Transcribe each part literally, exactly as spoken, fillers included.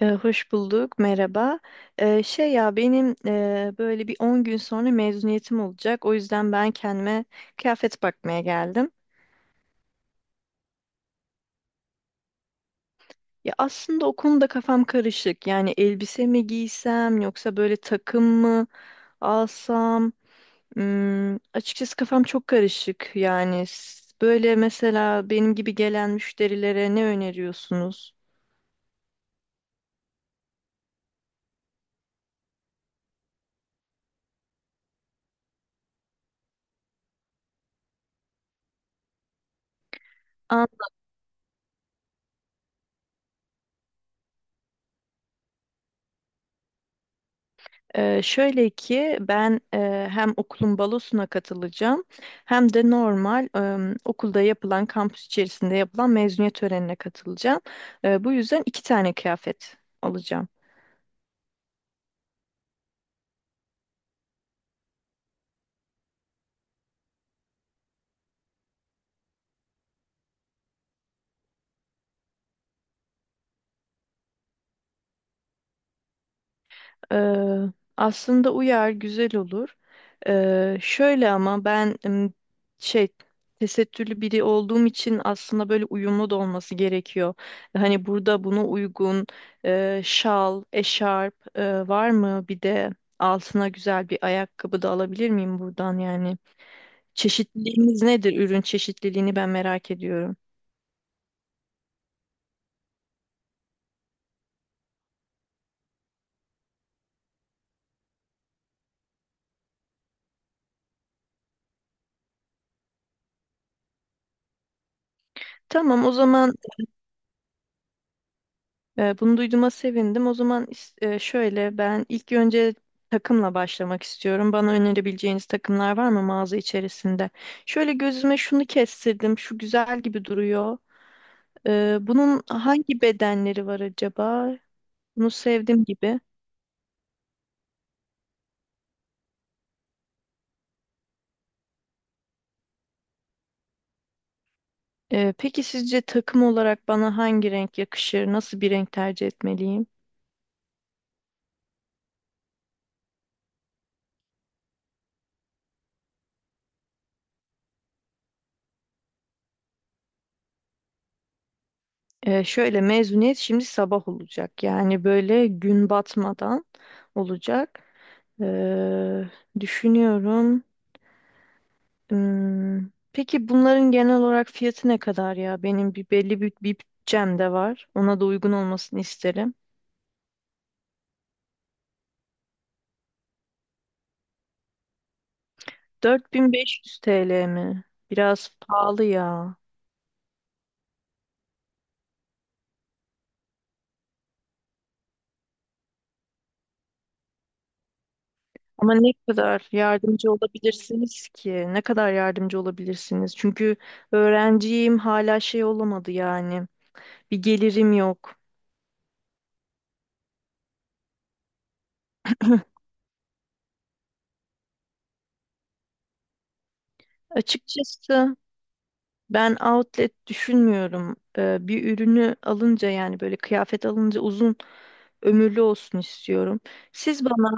Ee, hoş bulduk, merhaba. Ee, şey ya benim e, böyle bir on gün sonra mezuniyetim olacak. O yüzden ben kendime kıyafet bakmaya geldim. Ya aslında o konuda kafam karışık. Yani elbise mi giysem yoksa böyle takım mı alsam? Hmm, açıkçası kafam çok karışık. Yani s- böyle mesela benim gibi gelen müşterilere ne öneriyorsunuz? Ee, şöyle ki ben e, hem okulun balosuna katılacağım hem de normal e, okulda yapılan kampüs içerisinde yapılan mezuniyet törenine katılacağım. E, bu yüzden iki tane kıyafet alacağım. Ee, aslında uyar, güzel olur. Ee, şöyle ama ben em, şey tesettürlü biri olduğum için aslında böyle uyumlu da olması gerekiyor. Hani burada buna uygun e, şal, eşarp e, var mı? Bir de altına güzel bir ayakkabı da alabilir miyim buradan yani? Çeşitliliğimiz nedir? Ürün çeşitliliğini ben merak ediyorum. Tamam, o zaman. Ee, bunu duyduğuma sevindim. O zaman is- e, şöyle ben ilk önce takımla başlamak istiyorum. Bana önerebileceğiniz takımlar var mı mağaza içerisinde? Şöyle gözüme şunu kestirdim. Şu güzel gibi duruyor. Ee, bunun hangi bedenleri var acaba? Bunu sevdim gibi. Ee, peki sizce takım olarak bana hangi renk yakışır? Nasıl bir renk tercih etmeliyim? Ee, şöyle mezuniyet şimdi sabah olacak. Yani böyle gün batmadan olacak. Ee, Düşünüyorum. Hmm, Peki bunların genel olarak fiyatı ne kadar ya? Benim bir belli bir, bir bütçem de var. Ona da uygun olmasını isterim. dört bin beş yüz T L mi? Biraz pahalı ya. Ama ne kadar yardımcı olabilirsiniz ki? Ne kadar yardımcı olabilirsiniz? Çünkü öğrenciyim, hala şey olamadı yani. Bir gelirim yok. Açıkçası ben outlet düşünmüyorum. Ee, bir ürünü alınca yani böyle kıyafet alınca uzun ömürlü olsun istiyorum. Siz bana.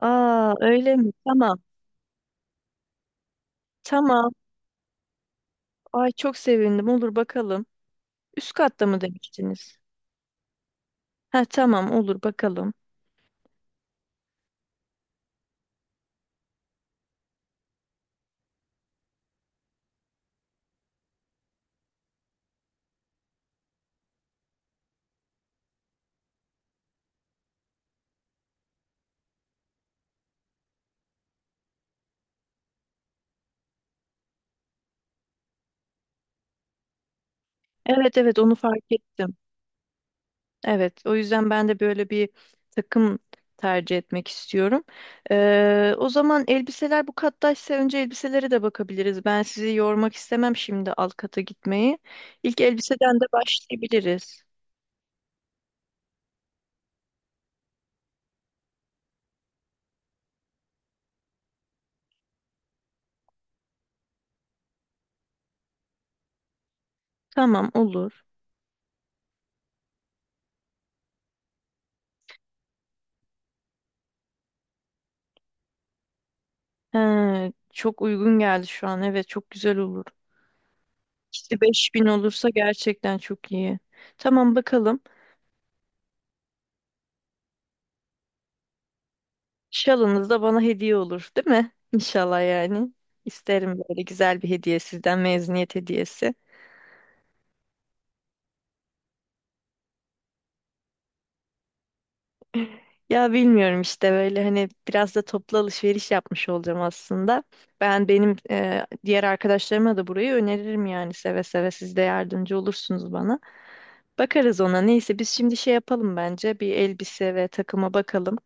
Aa öyle mi? Tamam. Tamam. Ay çok sevindim. Olur bakalım. Üst katta mı demiştiniz? Ha, tamam, olur bakalım. Evet, evet, onu fark ettim. Evet, o yüzden ben de böyle bir takım tercih etmek istiyorum. Ee, o zaman elbiseler bu kattaysa önce elbiselere de bakabiliriz. Ben sizi yormak istemem şimdi alt kata gitmeyi. İlk elbiseden de başlayabiliriz. Tamam, olur. He, çok uygun geldi şu an. Evet, çok güzel olur. İşte beş bin olursa gerçekten çok iyi. Tamam, bakalım. Şalınız da bana hediye olur, değil mi? İnşallah yani. İsterim böyle güzel bir hediye sizden, mezuniyet hediyesi. Ya bilmiyorum işte böyle hani biraz da toplu alışveriş yapmış olacağım aslında. Ben benim e, diğer arkadaşlarıma da burayı öneririm yani, seve seve siz de yardımcı olursunuz bana. Bakarız ona. Neyse biz şimdi şey yapalım bence. Bir elbise ve takıma bakalım.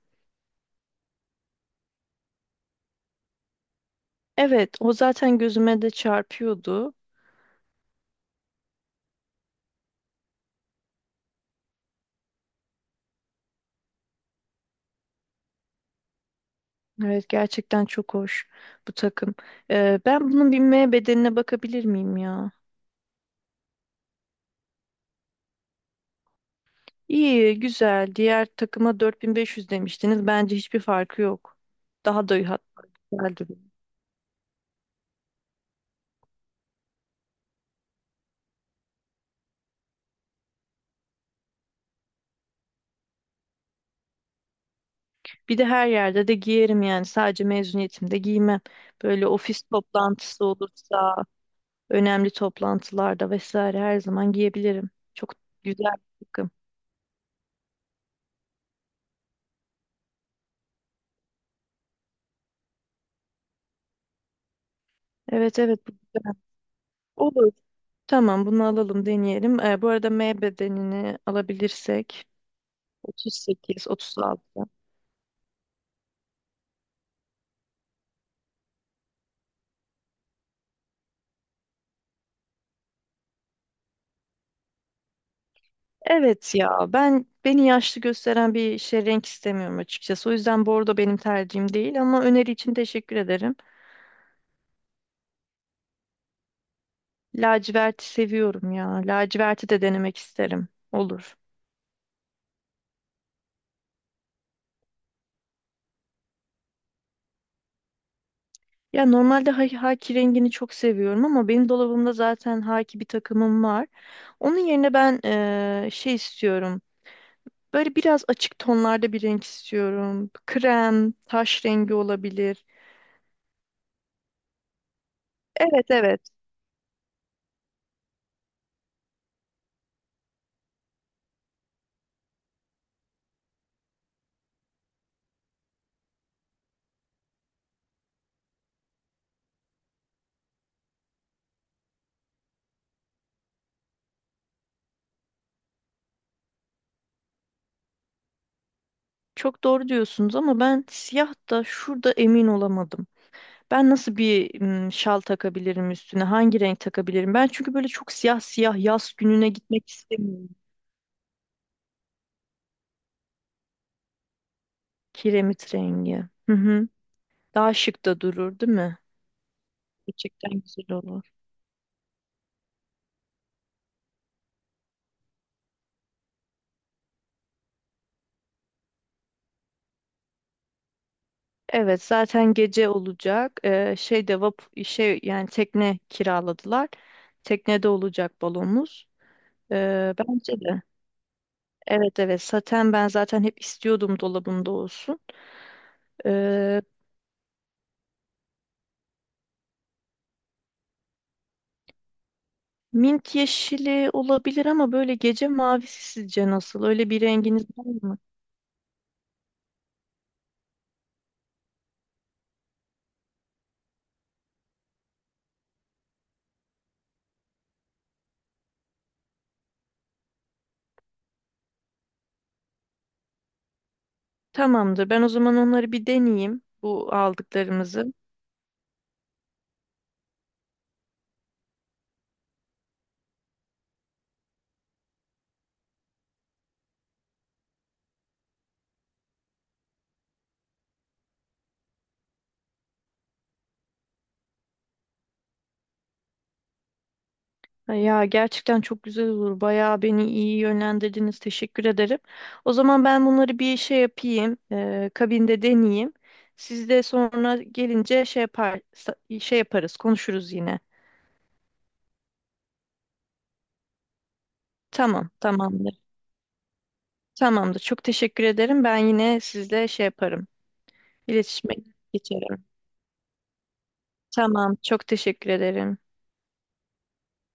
Evet, o zaten gözüme de çarpıyordu. Evet, gerçekten çok hoş bu takım. Ee, ben bunun binmeye bedenine bakabilir miyim ya? İyi, güzel. Diğer takıma dört bin beş yüz demiştiniz. Bence hiçbir farkı yok. Daha da hatta güzel duruyor. Bir de her yerde de giyerim yani. Sadece mezuniyetimde giymem. Böyle ofis toplantısı olursa, önemli toplantılarda vesaire her zaman giyebilirim. Çok güzel bir takım. Evet, evet, bu güzel. Olur. Tamam, bunu alalım, deneyelim. Ee, bu arada M bedenini alabilirsek otuz sekiz, otuz altı. Evet ya, ben beni yaşlı gösteren bir şey renk istemiyorum açıkçası. O yüzden bordo benim tercihim değil ama öneri için teşekkür ederim. Laciverti seviyorum ya. Laciverti de denemek isterim. Olur. Ya normalde ha- haki rengini çok seviyorum ama benim dolabımda zaten haki bir takımım var. Onun yerine ben eee, şey istiyorum. Böyle biraz açık tonlarda bir renk istiyorum. Krem, taş rengi olabilir. Evet, evet. Çok doğru diyorsunuz ama ben siyah da şurada emin olamadım. Ben nasıl bir mm, şal takabilirim üstüne? Hangi renk takabilirim? Ben çünkü böyle çok siyah siyah yaz gününe gitmek istemiyorum. Kiremit rengi. Hı hı. Daha şık da durur, değil mi? Gerçekten güzel olur. Evet, zaten gece olacak. Ee, şeyde vap şey yani tekne kiraladılar. Teknede olacak balonumuz. Ee, bence de. Evet, evet, saten ben zaten hep istiyordum dolabımda olsun. Ee, Mint yeşili olabilir ama böyle gece mavisi sizce nasıl? Öyle bir renginiz var mı? Tamamdır. Ben o zaman onları bir deneyeyim, bu aldıklarımızı. Ya gerçekten çok güzel olur. Bayağı beni iyi yönlendirdiniz. Teşekkür ederim. O zaman ben bunları bir şey yapayım, ee, kabinde deneyeyim. Siz de sonra gelince şey yapar, şey yaparız, konuşuruz yine. Tamam, tamam. Tamamdır. Çok teşekkür ederim. Ben yine sizle şey yaparım. İletişime geçerim. Tamam. Çok teşekkür ederim.